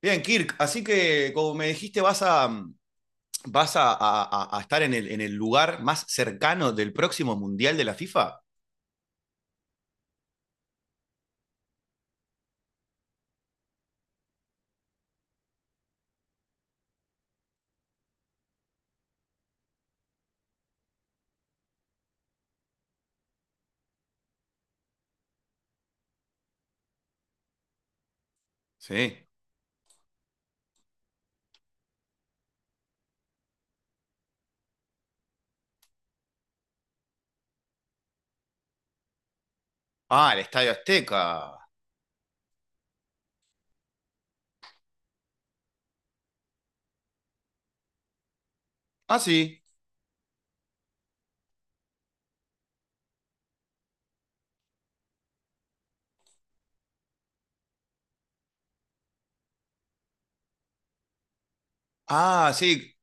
Bien, Kirk, así que como me dijiste, vas a estar en en el lugar más cercano del próximo Mundial de la FIFA. Sí. Ah, el Estadio Azteca. Ah, sí. Ah, sí.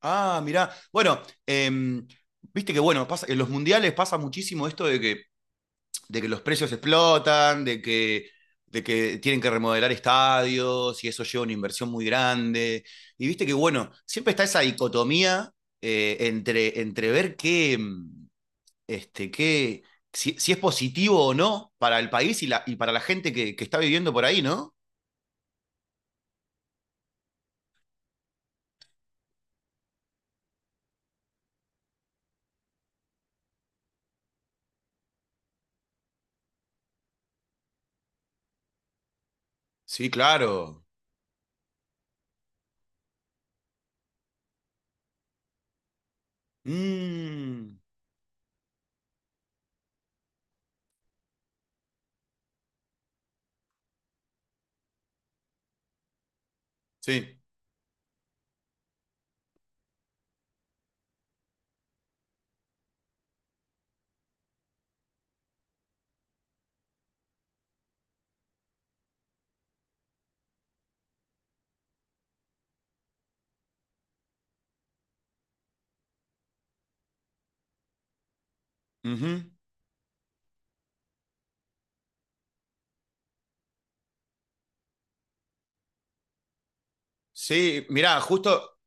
Ah, mirá. Bueno, em, viste que bueno, pasa, en los mundiales pasa muchísimo esto de que los precios explotan, de que tienen que remodelar estadios y eso lleva una inversión muy grande. Y viste que, bueno, siempre está esa dicotomía entre ver qué, si es positivo o no para el país y para la gente que está viviendo por ahí, ¿no? Sí, claro. Mm, sí. Ujú. Sí, mirá, justo,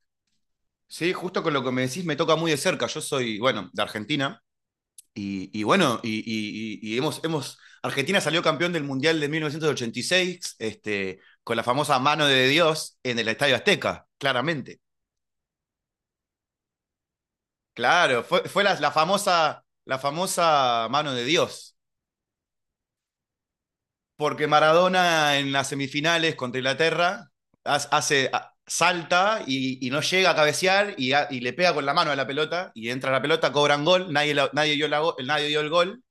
sí, justo con lo que me decís me toca muy de cerca. Yo soy, bueno, de Argentina. Y bueno, hemos, Argentina salió campeón del Mundial de 1986, con la famosa mano de Dios en el Estadio Azteca, claramente. Claro, fue la famosa mano de Dios. Porque Maradona en las semifinales contra Inglaterra hace, salta y no llega a cabecear y le pega con la mano a la pelota y entra la pelota, cobran gol, nadie, la nadie dio el gol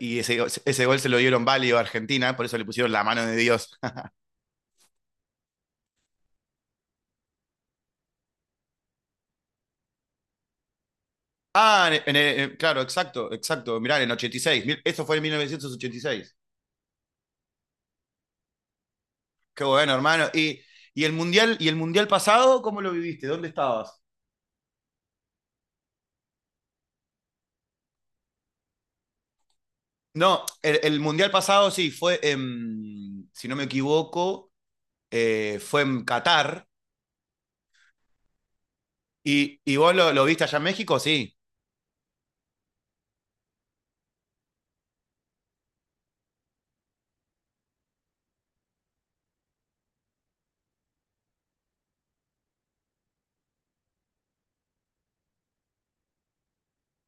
y ese gol se lo dieron válido a Argentina, por eso le pusieron la mano de Dios. Mirá, en 86, esto fue en 1986. Qué bueno, hermano. ¿Y el mundial pasado cómo lo viviste? ¿Dónde estabas? No, el mundial pasado sí, si no me equivoco, fue en Qatar. ¿Y, lo viste allá en México? Sí.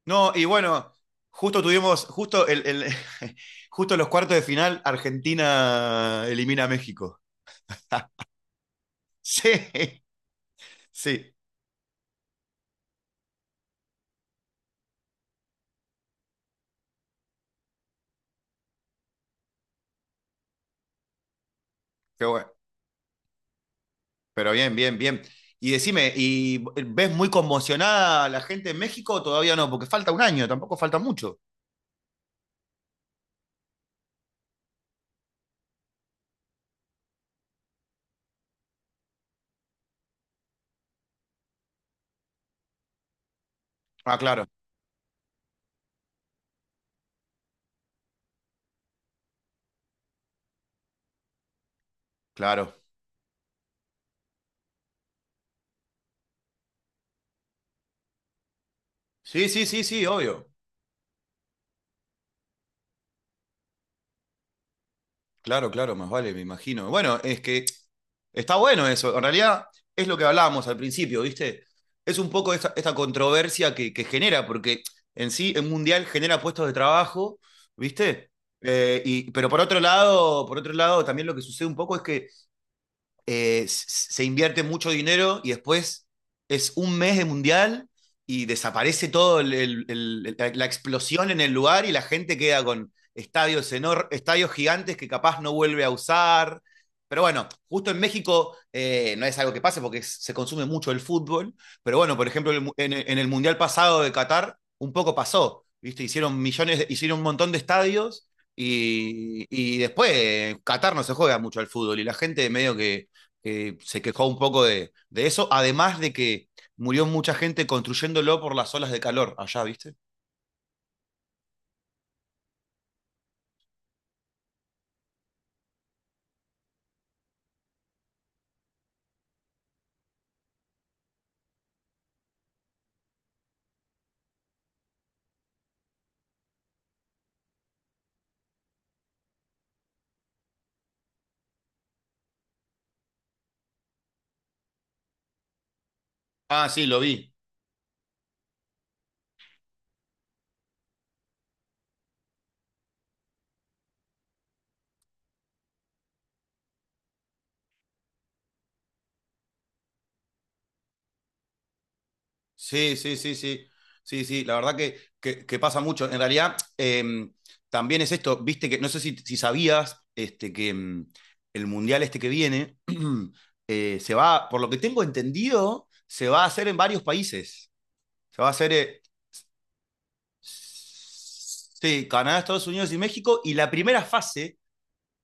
No, y bueno, justo tuvimos, justo, el- justo los cuartos de final, Argentina elimina a México. Sí, sí, qué bueno. Pero bien, bien, bien. Y decime, ¿y ves muy conmocionada a la gente en México? Todavía no, porque falta un año, tampoco falta mucho. Ah, claro, claro. Sí, sí, sí, sí, obvio. Claro, claro, más vale, me imagino. Bueno, es que está bueno eso. En realidad es lo que hablábamos al principio, ¿viste? Es un poco esta controversia que genera, porque en sí el mundial genera puestos de trabajo, ¿viste? Pero por otro lado, también lo que sucede un poco es que se invierte mucho dinero y después es un mes de mundial y desaparece todo explosión en el lugar y la gente queda con estadios gigantes que capaz no vuelve a usar. Pero bueno, justo en México no es algo que pase porque se consume mucho el fútbol. Pero bueno, por ejemplo, en en el mundial pasado de Qatar un poco pasó, ¿viste? Hicieron millones, hicieron un montón de estadios. Y después Qatar no se juega mucho al fútbol y la gente medio que se quejó un poco de eso, además de que murió mucha gente construyéndolo por las olas de calor allá, ¿viste? Ah, sí, lo vi. Sí, sí, sí, sí. Sí, sí, la verdad que pasa mucho. En realidad, también es esto, viste que, no sé si sabías, este, que el mundial este que viene, por lo que tengo entendido, se va a hacer en varios países. Se va a hacer, sí, Canadá, Estados Unidos y México, y la primera fase.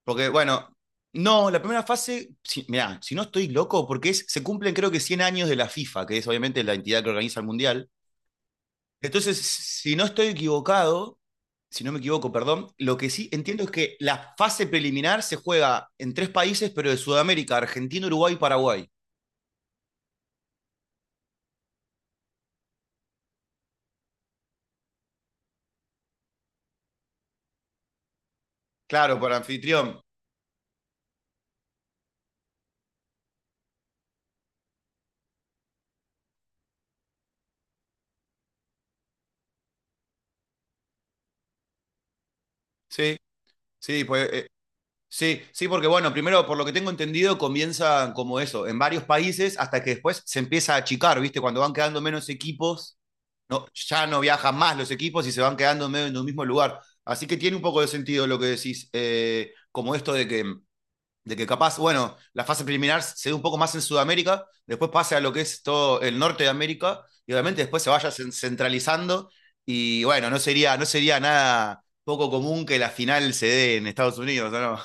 Porque, bueno, no, la primera fase, si, mirá, si no estoy loco, porque es, se cumplen creo que 100 años de la FIFA, que es obviamente la entidad que organiza el Mundial. Entonces, si no estoy equivocado, si no me equivoco, perdón, lo que sí entiendo es que la fase preliminar se juega en tres países, pero de Sudamérica, Argentina, Uruguay y Paraguay. Claro, por anfitrión. Sí, sí, pues, sí, sí, porque bueno, primero, por lo que tengo entendido, comienzan como eso, en varios países, hasta que después se empieza a achicar, ¿viste? Cuando van quedando menos equipos no, ya no viajan más los equipos y se van quedando medio en un mismo lugar. Así que tiene un poco de sentido lo que decís, como esto de que capaz, bueno, la fase preliminar se dé un poco más en Sudamérica, después pase a lo que es todo el norte de América y obviamente después se vaya centralizando y bueno, no sería, no sería nada poco común que la final se dé en Estados Unidos, ¿no?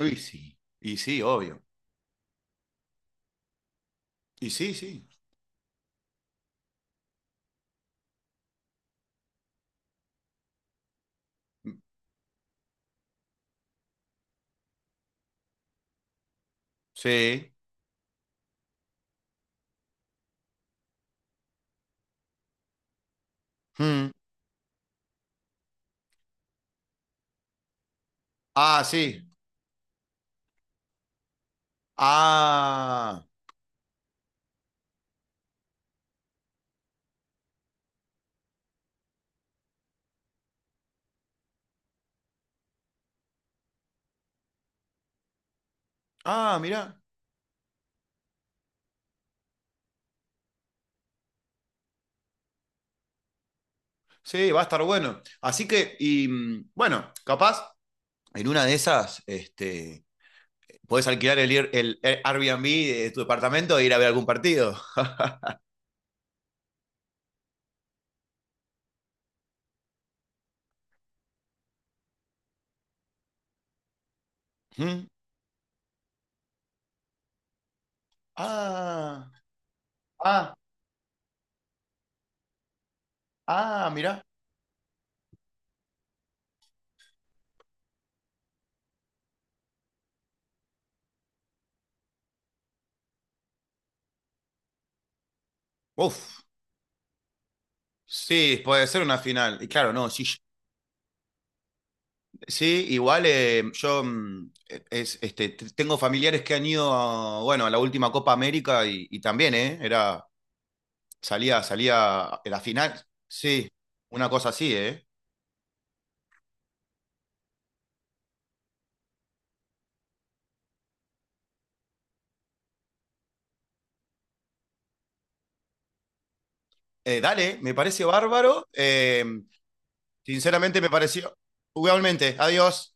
Uy, sí. Y sí, obvio. Y sí, sí. Sí. Hmm. Ah, sí. Ah. Ah, mirá. Sí, va a estar bueno. Así que, y mm, bueno, capaz en una de esas, podés alquilar el, ir- el Air- Airbnb de tu departamento e ir a ver algún partido. ¿Mm? Ah, ah, ah, mirá. Uf, sí, puede ser una final. Y claro, no, sí, sí, igual yo mm, tengo familiares que han ido a, bueno, a la última Copa América y también, ¿eh? Era, salía, salía la final. Sí, una cosa así, ¿eh? Dale, me parece bárbaro. Sinceramente me pareció. Igualmente, adiós.